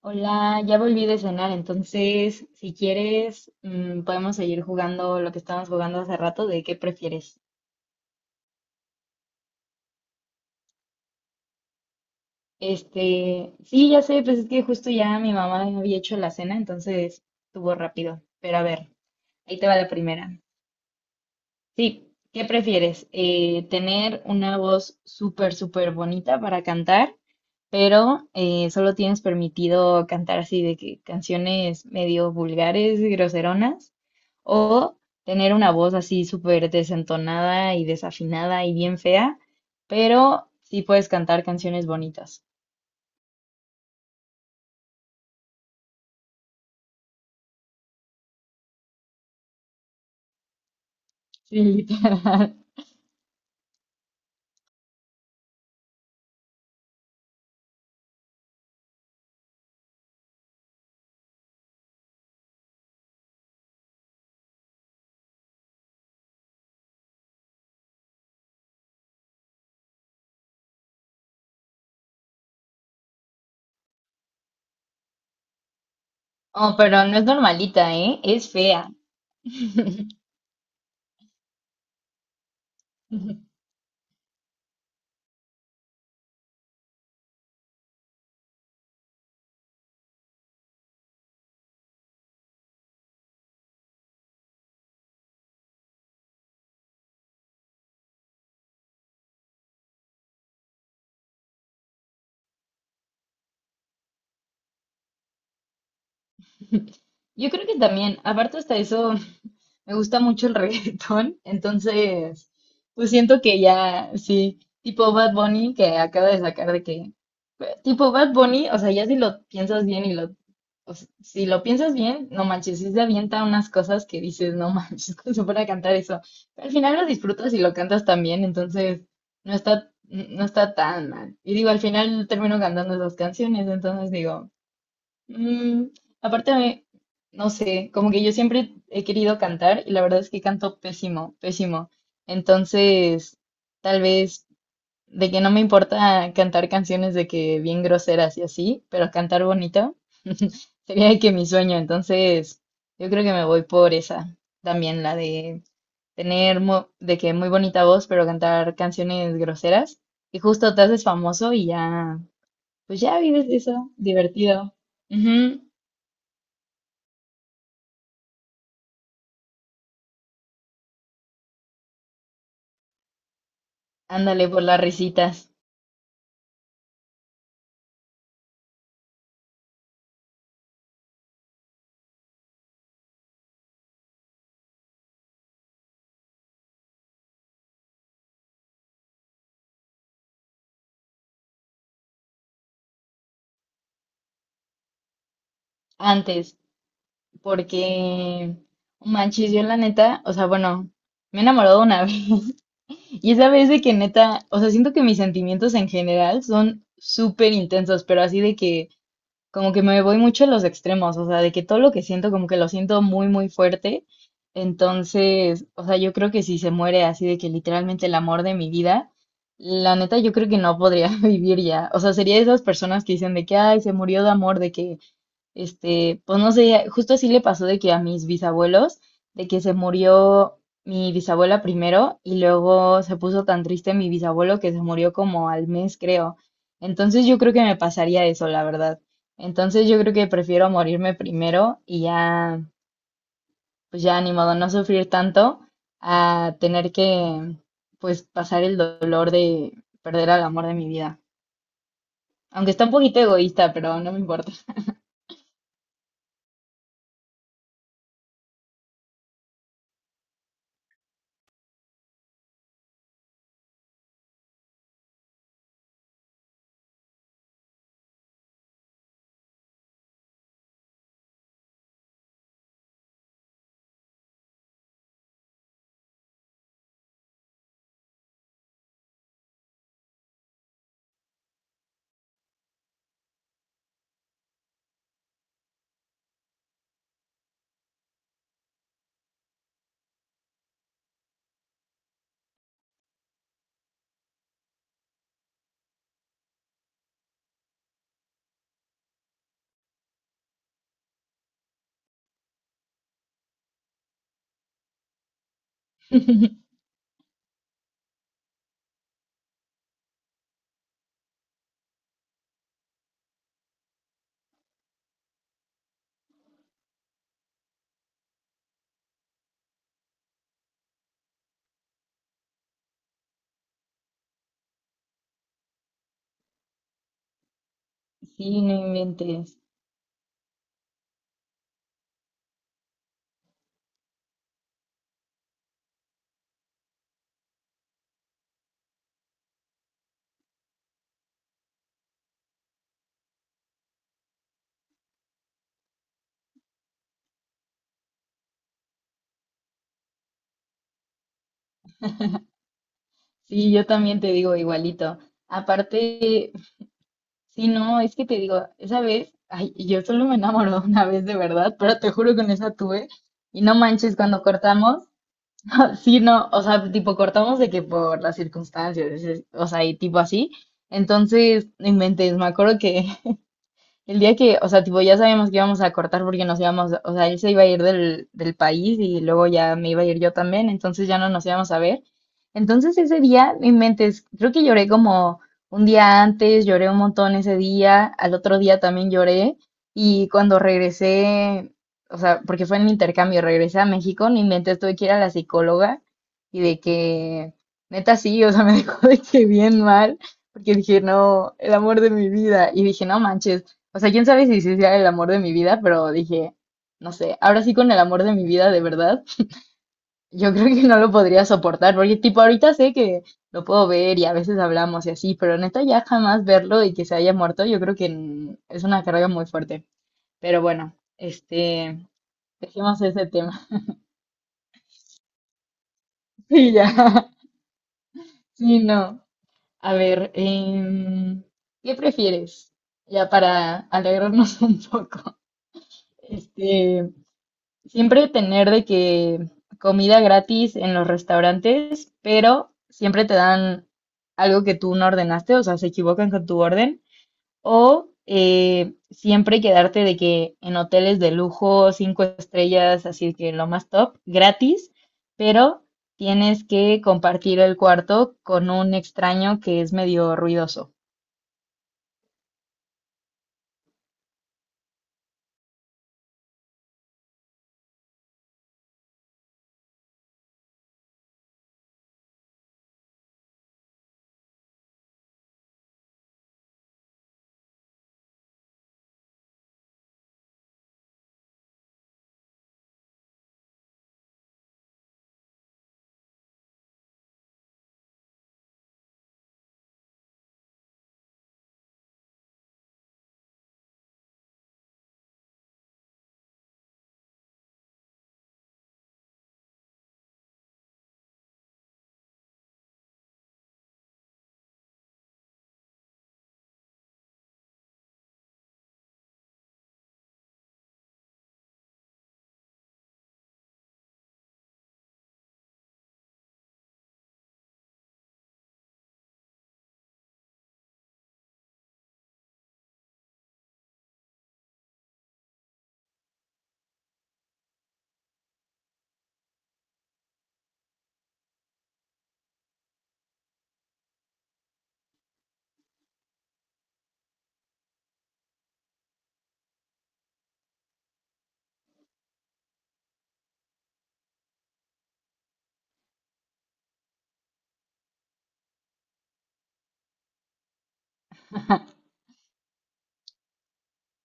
Hola, ya volví de cenar, entonces si quieres podemos seguir jugando lo que estábamos jugando hace rato de qué prefieres. Sí, ya sé, pues es que justo ya mi mamá había hecho la cena, entonces estuvo rápido. Pero a ver, ahí te va la primera. Sí, ¿qué prefieres? ¿Tener una voz súper, súper bonita para cantar, pero solo tienes permitido cantar así de que canciones medio vulgares y groseronas? ¿O tener una voz así súper desentonada y desafinada y bien fea, pero sí puedes cantar canciones bonitas? Sí, literal. Oh, pero no es normalita, ¿eh? Es fea. Yo creo que también, aparte hasta eso, me gusta mucho el reggaetón, entonces, pues siento que ya, sí, tipo Bad Bunny que acaba de sacar de que, tipo Bad Bunny, o sea, ya si lo piensas bien y lo, si lo piensas bien, no manches, sí se avienta unas cosas que dices, no manches, ¿cómo se puede cantar eso? Pero al final lo disfrutas y lo cantas también, entonces no está tan mal. Y digo, al final termino cantando esas canciones, entonces digo... Mm, aparte, a mí, no sé, como que yo siempre he querido cantar y la verdad es que canto pésimo, pésimo. Entonces, tal vez de que no me importa cantar canciones de que bien groseras y así, pero cantar bonito sería de que mi sueño. Entonces, yo creo que me voy por esa también, la de tener de que muy bonita voz, pero cantar canciones groseras. Y justo te haces famoso y ya, pues ya vives de eso, divertido. Ujú. Ándale por las risitas. Antes, porque manches, yo la neta, o sea, bueno, me he enamorado una vez. Y esa vez de que neta, o sea, siento que mis sentimientos en general son súper intensos, pero así de que como que me voy mucho a los extremos, o sea, de que todo lo que siento como que lo siento muy, muy fuerte. Entonces, o sea, yo creo que si se muere así de que literalmente el amor de mi vida, la neta yo creo que no podría vivir ya. O sea, sería de esas personas que dicen de que, ay, se murió de amor, de que pues no sé, justo así le pasó de que a mis bisabuelos, de que se murió mi bisabuela primero y luego se puso tan triste mi bisabuelo que se murió como al mes, creo. Entonces yo creo que me pasaría eso, la verdad. Entonces yo creo que prefiero morirme primero y ya, pues ya ni modo, no sufrir tanto a tener que, pues, pasar el dolor de perder al amor de mi vida. Aunque está un poquito egoísta, pero no me importa. Sí, no inventes. Sí, yo también te digo igualito. Aparte, sí, no, es que te digo, esa vez, ay, yo solo me enamoré una vez de verdad, pero te juro que en esa tuve. Y no manches, cuando cortamos, sí, no, o sea, tipo cortamos de que por las circunstancias, o sea, y tipo así. Entonces, no inventes, me acuerdo que el día que, o sea, tipo, ya sabíamos que íbamos a cortar porque nos íbamos, o sea, él se iba a ir del país y luego ya me iba a ir yo también, entonces ya no nos íbamos a ver. Entonces ese día, mi inventes, creo que lloré como un día antes, lloré un montón ese día, al otro día también lloré y cuando regresé, o sea, porque fue en el intercambio, regresé a México, mi mente tuve que ir a la psicóloga y de que, neta sí, o sea, me dejó de que bien mal, porque dije, no, el amor de mi vida, y dije, no manches, o sea, quién sabe si sí sea el amor de mi vida, pero dije, no sé, ahora sí con el amor de mi vida de verdad, yo creo que no lo podría soportar, porque tipo ahorita sé que lo puedo ver y a veces hablamos y así, pero neta ya jamás verlo y que se haya muerto, yo creo que es una carga muy fuerte. Pero bueno, dejemos ese tema. Y ya, sí, no. A ver, ¿qué prefieres? Ya para alegrarnos un poco. Este, Siempre tener de que comida gratis en los restaurantes, pero siempre te dan algo que tú no ordenaste, o sea, se equivocan con tu orden, o siempre quedarte de que en hoteles de lujo, cinco estrellas, así que lo más top, gratis, pero tienes que compartir el cuarto con un extraño que es medio ruidoso.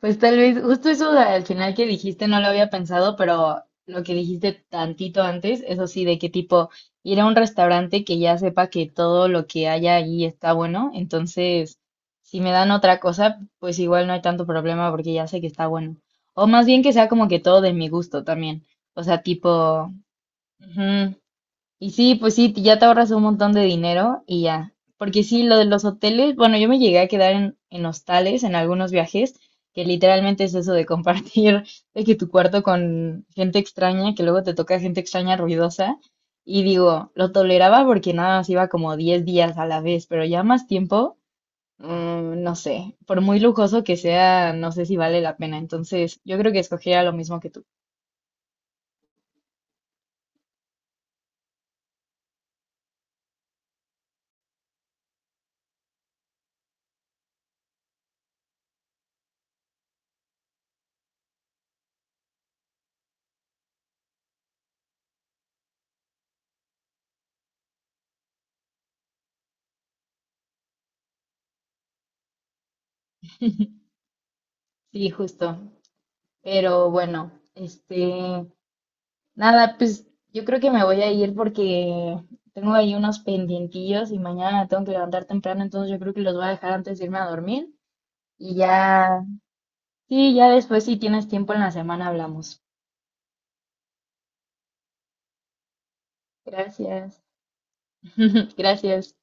Pues tal vez, justo eso al final que dijiste no lo había pensado, pero lo que dijiste tantito antes, eso sí, de qué tipo ir a un restaurante que ya sepa que todo lo que haya allí está bueno, entonces si me dan otra cosa, pues igual no hay tanto problema porque ya sé que está bueno. O más bien que sea como que todo de mi gusto también. O sea, tipo, ujú, y sí, pues sí, ya te ahorras un montón de dinero y ya. Porque sí, lo de los hoteles, bueno, yo me llegué a quedar en hostales en algunos viajes, que literalmente es eso de compartir, de que tu cuarto con gente extraña, que luego te toca gente extraña ruidosa. Y digo, lo toleraba porque nada más iba como 10 días a la vez, pero ya más tiempo, no sé, por muy lujoso que sea, no sé si vale la pena. Entonces, yo creo que escogería lo mismo que tú. Sí, justo. Pero bueno, este... Nada, pues yo creo que me voy a ir porque tengo ahí unos pendientillos y mañana me tengo que levantar temprano, entonces yo creo que los voy a dejar antes de irme a dormir y ya, sí, ya después si tienes tiempo en la semana hablamos. Gracias. Gracias.